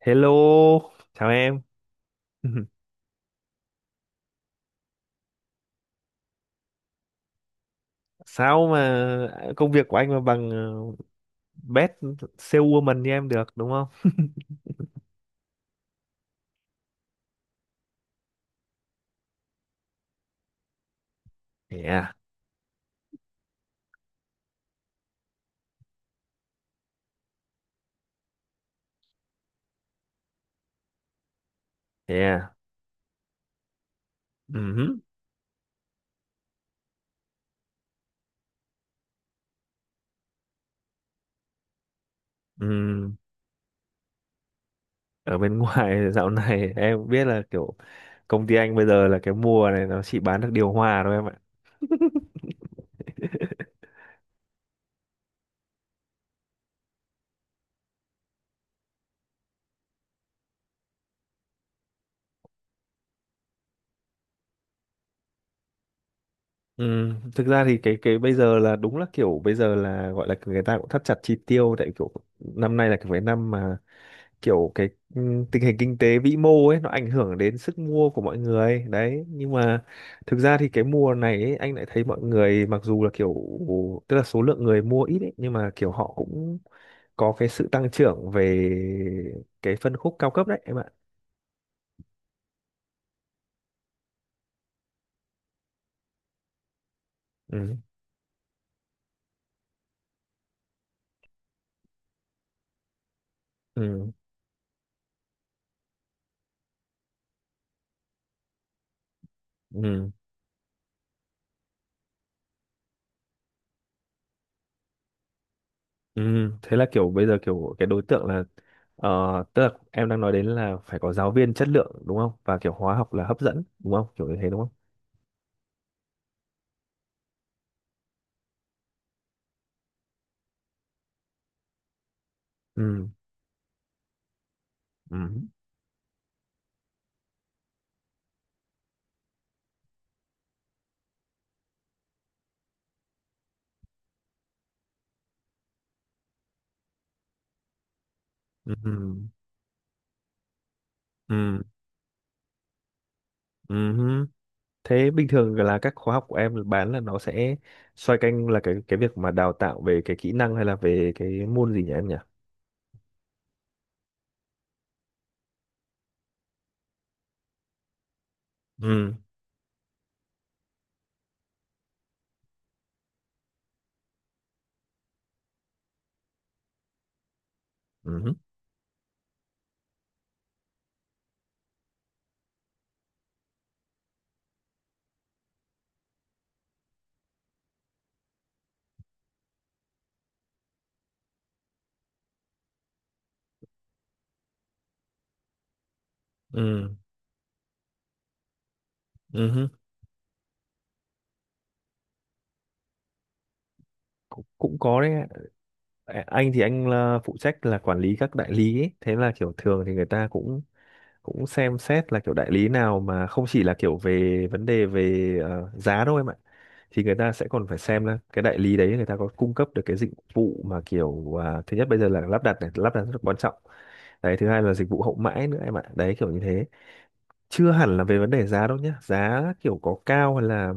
Hello, chào em. Sao mà công việc của anh mà bằng uh, best saleswoman như em được đúng không? Yeah, yeah. Ừm, ừm. Ở bên ngoài dạo này em biết là kiểu công ty anh bây giờ là cái mùa này nó chỉ bán được điều hòa thôi em ạ. Thực ra thì cái bây giờ là đúng là kiểu bây giờ là gọi là người ta cũng thắt chặt chi tiêu tại kiểu năm nay là cái năm mà kiểu cái tình hình kinh tế vĩ mô ấy nó ảnh hưởng đến sức mua của mọi người đấy, nhưng mà thực ra thì cái mùa này ấy, anh lại thấy mọi người mặc dù là kiểu tức là số lượng người mua ít ấy, nhưng mà kiểu họ cũng có cái sự tăng trưởng về cái phân khúc cao cấp đấy em ạ. Ừ, ừ, ừ, ừ. Thế là kiểu bây giờ kiểu cái đối tượng là tức là em đang nói đến là phải có giáo viên chất lượng đúng không, và kiểu hóa học là hấp dẫn đúng không, kiểu như thế đúng không? Ừ, ừ, ừ, ừ, ừ. Ừm, Thế bình thường là các khóa học của em bán là nó sẽ xoay quanh là cái việc mà đào tạo về cái kỹ năng hay là về cái môn gì nhỉ em nhỉ? Ừ. Ừ. Ừ. Ừ. Cũng có đấy ạ. À, anh thì anh là phụ trách là quản lý các đại lý ấy. Thế là kiểu thường thì người ta cũng cũng xem xét là kiểu đại lý nào mà không chỉ là kiểu về vấn đề về giá đâu em ạ. Thì người ta sẽ còn phải xem là cái đại lý đấy người ta có cung cấp được cái dịch vụ mà kiểu thứ nhất bây giờ là lắp đặt này, lắp đặt rất là quan trọng đấy, thứ hai là dịch vụ hậu mãi nữa em ạ, đấy kiểu như thế, chưa hẳn là về vấn đề giá đâu nhé, giá kiểu có cao hay là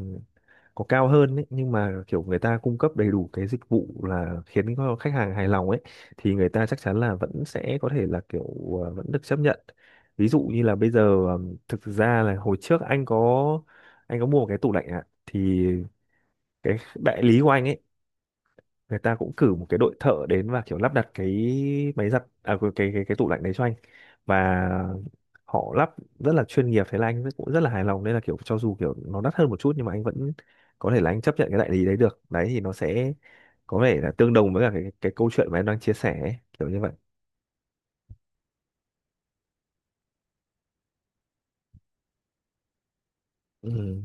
có cao hơn ấy, nhưng mà kiểu người ta cung cấp đầy đủ cái dịch vụ là khiến cho khách hàng hài lòng ấy thì người ta chắc chắn là vẫn sẽ có thể là kiểu vẫn được chấp nhận. Ví dụ như là bây giờ thực ra là hồi trước anh có mua một cái tủ lạnh ạ. Thì cái đại lý của anh ấy, người ta cũng cử một cái đội thợ đến và kiểu lắp đặt cái máy giặt à cái tủ lạnh đấy cho anh, và họ lắp rất là chuyên nghiệp, thế là anh cũng rất là hài lòng, nên là kiểu cho dù kiểu nó đắt hơn một chút nhưng mà anh vẫn có thể là anh chấp nhận cái đại lý đấy được, đấy thì nó sẽ có vẻ là tương đồng với cả cái câu chuyện mà em đang chia sẻ ấy, kiểu như vậy. Ừ,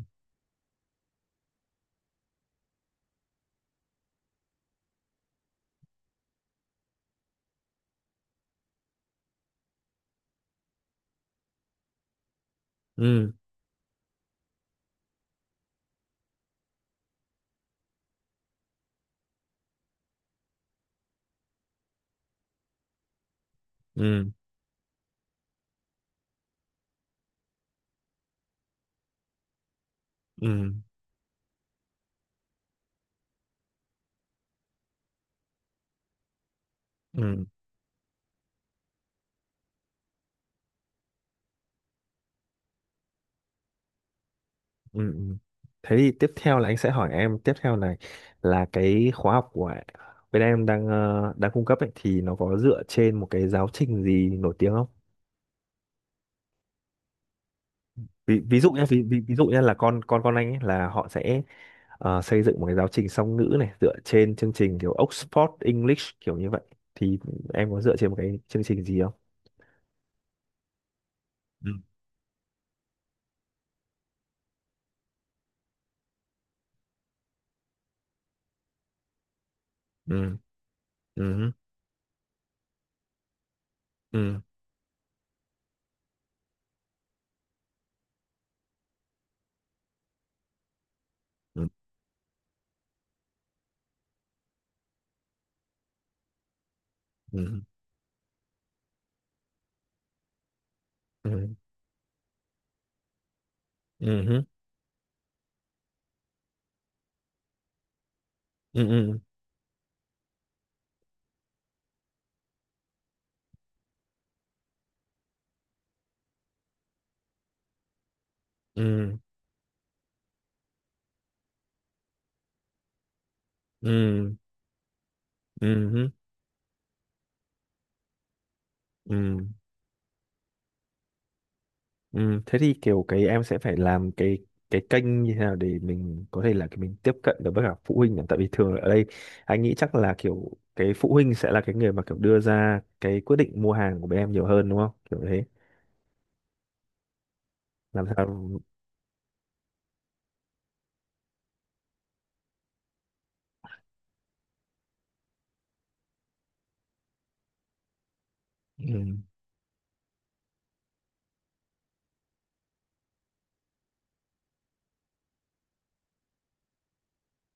ừ, ừ, ừ, ừ. Ừ. Ừ. Thế thì tiếp theo là anh sẽ hỏi em tiếp theo này là cái khóa học của bên em đang cung cấp ấy, thì nó có dựa trên một cái giáo trình gì nổi tiếng không? Ví dụ nhé, là con anh ấy là họ sẽ xây dựng một cái giáo trình song ngữ này dựa trên chương trình kiểu Oxford English kiểu như vậy, thì em có dựa trên một cái chương trình gì không? Ừ. Ừ. Ừ. Ừ. Ừ. Ừ. Ừ. Ừ. Ừ. Ừ. Ừ. Ừ. Ừ. Ừ. Ừ. Ừ, thế thì kiểu cái em sẽ phải làm cái kênh như thế nào để mình có thể là cái mình tiếp cận được với cả phụ huynh nhỉ? Tại vì thường ở đây anh nghĩ chắc là kiểu cái phụ huynh sẽ là cái người mà kiểu đưa ra cái quyết định mua hàng của bên em nhiều hơn đúng không, kiểu thế làm sao. Ừ,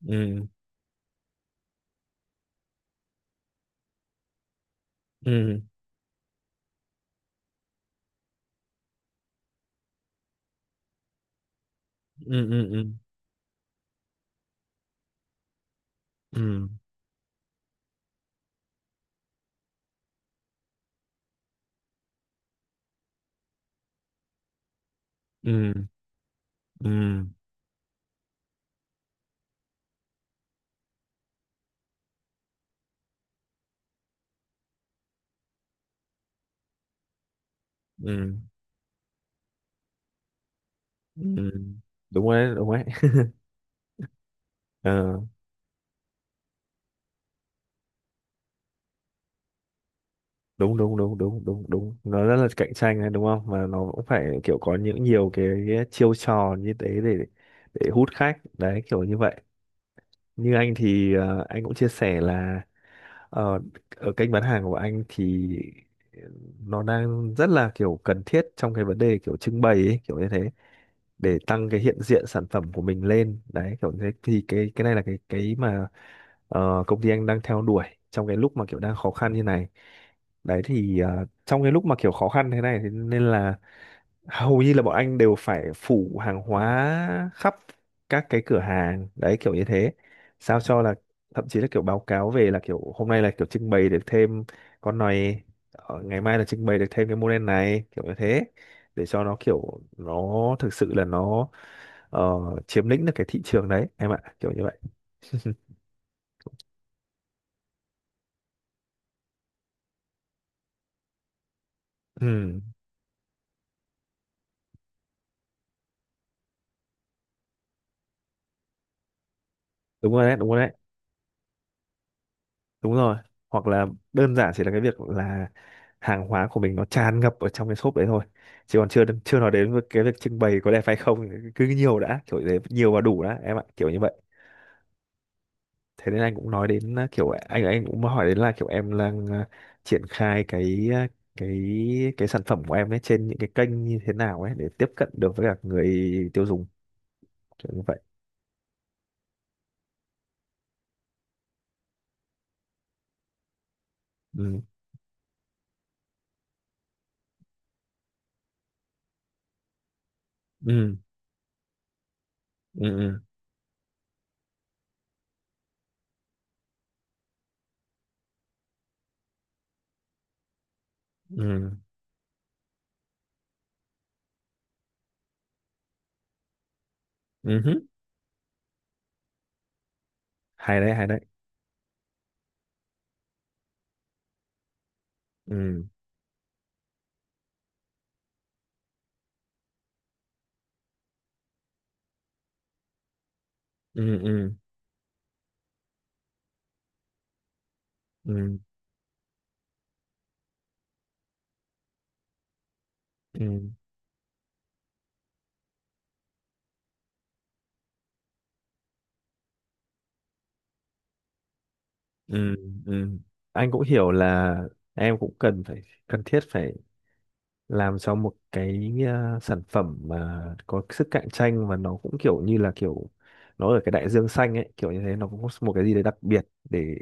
ừ, ừ, ừ, ừ, ừ, ừ, ừ, ừ, ừ, ừ. Ừ. Đúng rồi đấy, đúng rồi đấy. Đúng, đúng, đúng, đúng, đúng, đúng, nó rất là cạnh tranh đấy đúng không, mà nó cũng phải kiểu có những nhiều cái, chiêu trò như thế để hút khách đấy kiểu như vậy. Như anh thì anh cũng chia sẻ là ờ, ở kênh bán hàng của anh thì ờ, nó đang rất là kiểu cần thiết trong cái vấn đề kiểu trưng bày ấy, kiểu như thế để tăng cái hiện diện sản phẩm của mình lên đấy, kiểu thế thì cái này là cái mà công ty anh đang theo đuổi trong cái lúc mà kiểu đang khó khăn như này. Đấy thì trong cái lúc mà kiểu khó khăn thế này thì nên là hầu như là bọn anh đều phải phủ hàng hóa khắp các cái cửa hàng đấy kiểu như thế, sao cho là thậm chí là kiểu báo cáo về là kiểu hôm nay là kiểu trưng bày được thêm con này, ngày mai là trưng bày được thêm cái model này kiểu như thế, để cho nó kiểu nó thực sự là nó ờ, chiếm lĩnh được cái thị trường đấy em ạ, kiểu như vậy. Ừ, đúng rồi đấy, đúng rồi đấy, đúng rồi. Hoặc là đơn giản chỉ là cái việc là hàng hóa của mình nó tràn ngập ở trong cái shop đấy thôi, chứ còn chưa chưa nói đến với cái việc trưng bày có đẹp hay không, cứ nhiều đã kiểu thế, nhiều và đủ đã em ạ kiểu như vậy. Thế nên anh cũng nói đến kiểu anh cũng hỏi đến là kiểu em đang triển khai cái sản phẩm của em ấy trên những cái kênh như thế nào ấy để tiếp cận được với cả người tiêu dùng kiểu như vậy. Ừ, ừ, ừ, ừ, ừ, ừ hứ. Hay đấy, hay đấy. Ừ, ừ, ừ, ừ, ừ. Ừ, ừ. Anh cũng hiểu là em cũng cần phải cần thiết phải làm cho một cái sản phẩm mà có sức cạnh tranh và nó cũng kiểu như là kiểu nó ở cái đại dương xanh ấy kiểu như thế, nó cũng có một cái gì đấy đặc biệt để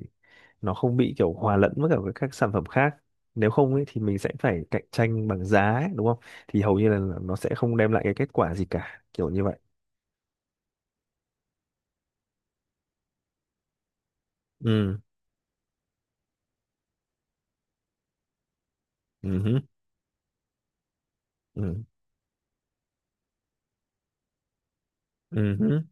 nó không bị kiểu hòa lẫn với cả với các sản phẩm khác, nếu không ấy thì mình sẽ phải cạnh tranh bằng giá ấy, đúng không, thì hầu như là nó sẽ không đem lại cái kết quả gì cả kiểu như vậy. Ừ, ừ hứ, ừ, ừ hứ,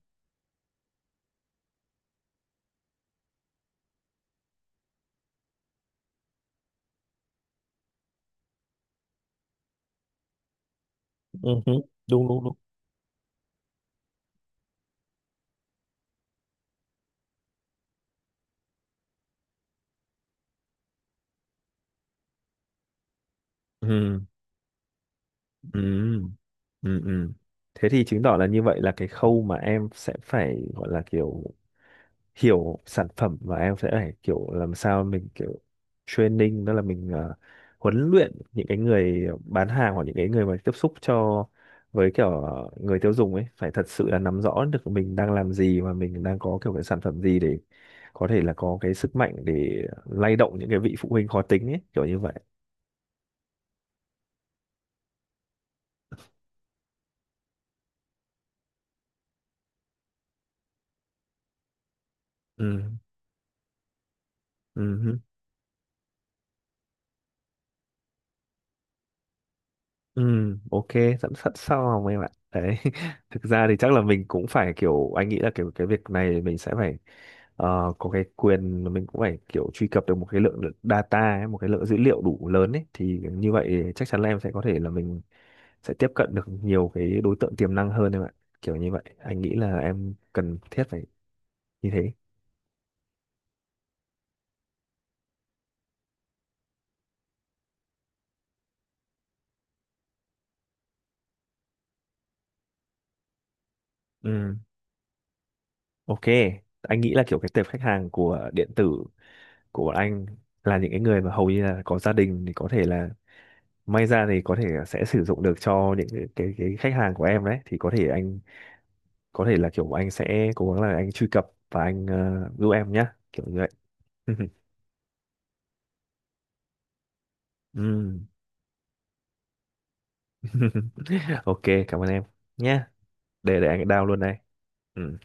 ừ hứ. Đúng, đúng, đúng. Ừ. Ừ, ừ, ừ. Thế thì chứng tỏ là như vậy là cái khâu mà em sẽ phải gọi là kiểu hiểu sản phẩm, và em sẽ phải kiểu làm sao mình kiểu training, đó là mình huấn luyện những cái người bán hàng hoặc những cái người mà tiếp xúc cho với kiểu người tiêu dùng ấy phải thật sự là nắm rõ được mình đang làm gì và mình đang có kiểu cái sản phẩm gì để có thể là có cái sức mạnh để lay động những cái vị phụ huynh khó tính ấy kiểu như vậy. Ừ. Ừ. Ừ, ok, dẫn sẵn sau hồng em ạ. Đấy, thực ra thì chắc là mình cũng phải kiểu, anh nghĩ là kiểu cái việc này mình sẽ phải có cái quyền, mình cũng phải kiểu truy cập được một cái lượng data ấy, một cái lượng dữ liệu đủ lớn ấy. Thì như vậy chắc chắn là em sẽ có thể là mình sẽ tiếp cận được nhiều cái đối tượng tiềm năng hơn em ạ. Kiểu như vậy, anh nghĩ là em cần thiết phải như thế. Ừ, ok, anh nghĩ là kiểu cái tệp khách hàng của điện tử của bọn anh là những cái người mà hầu như là có gia đình, thì có thể là may ra thì có thể sẽ sử dụng được cho những cái khách hàng của em đấy, thì có thể anh có thể là kiểu anh sẽ cố gắng là anh truy cập và anh giúp em nhá kiểu như vậy. Ừm. Ok, cảm ơn em nhé, để anh down luôn đây. Ừ.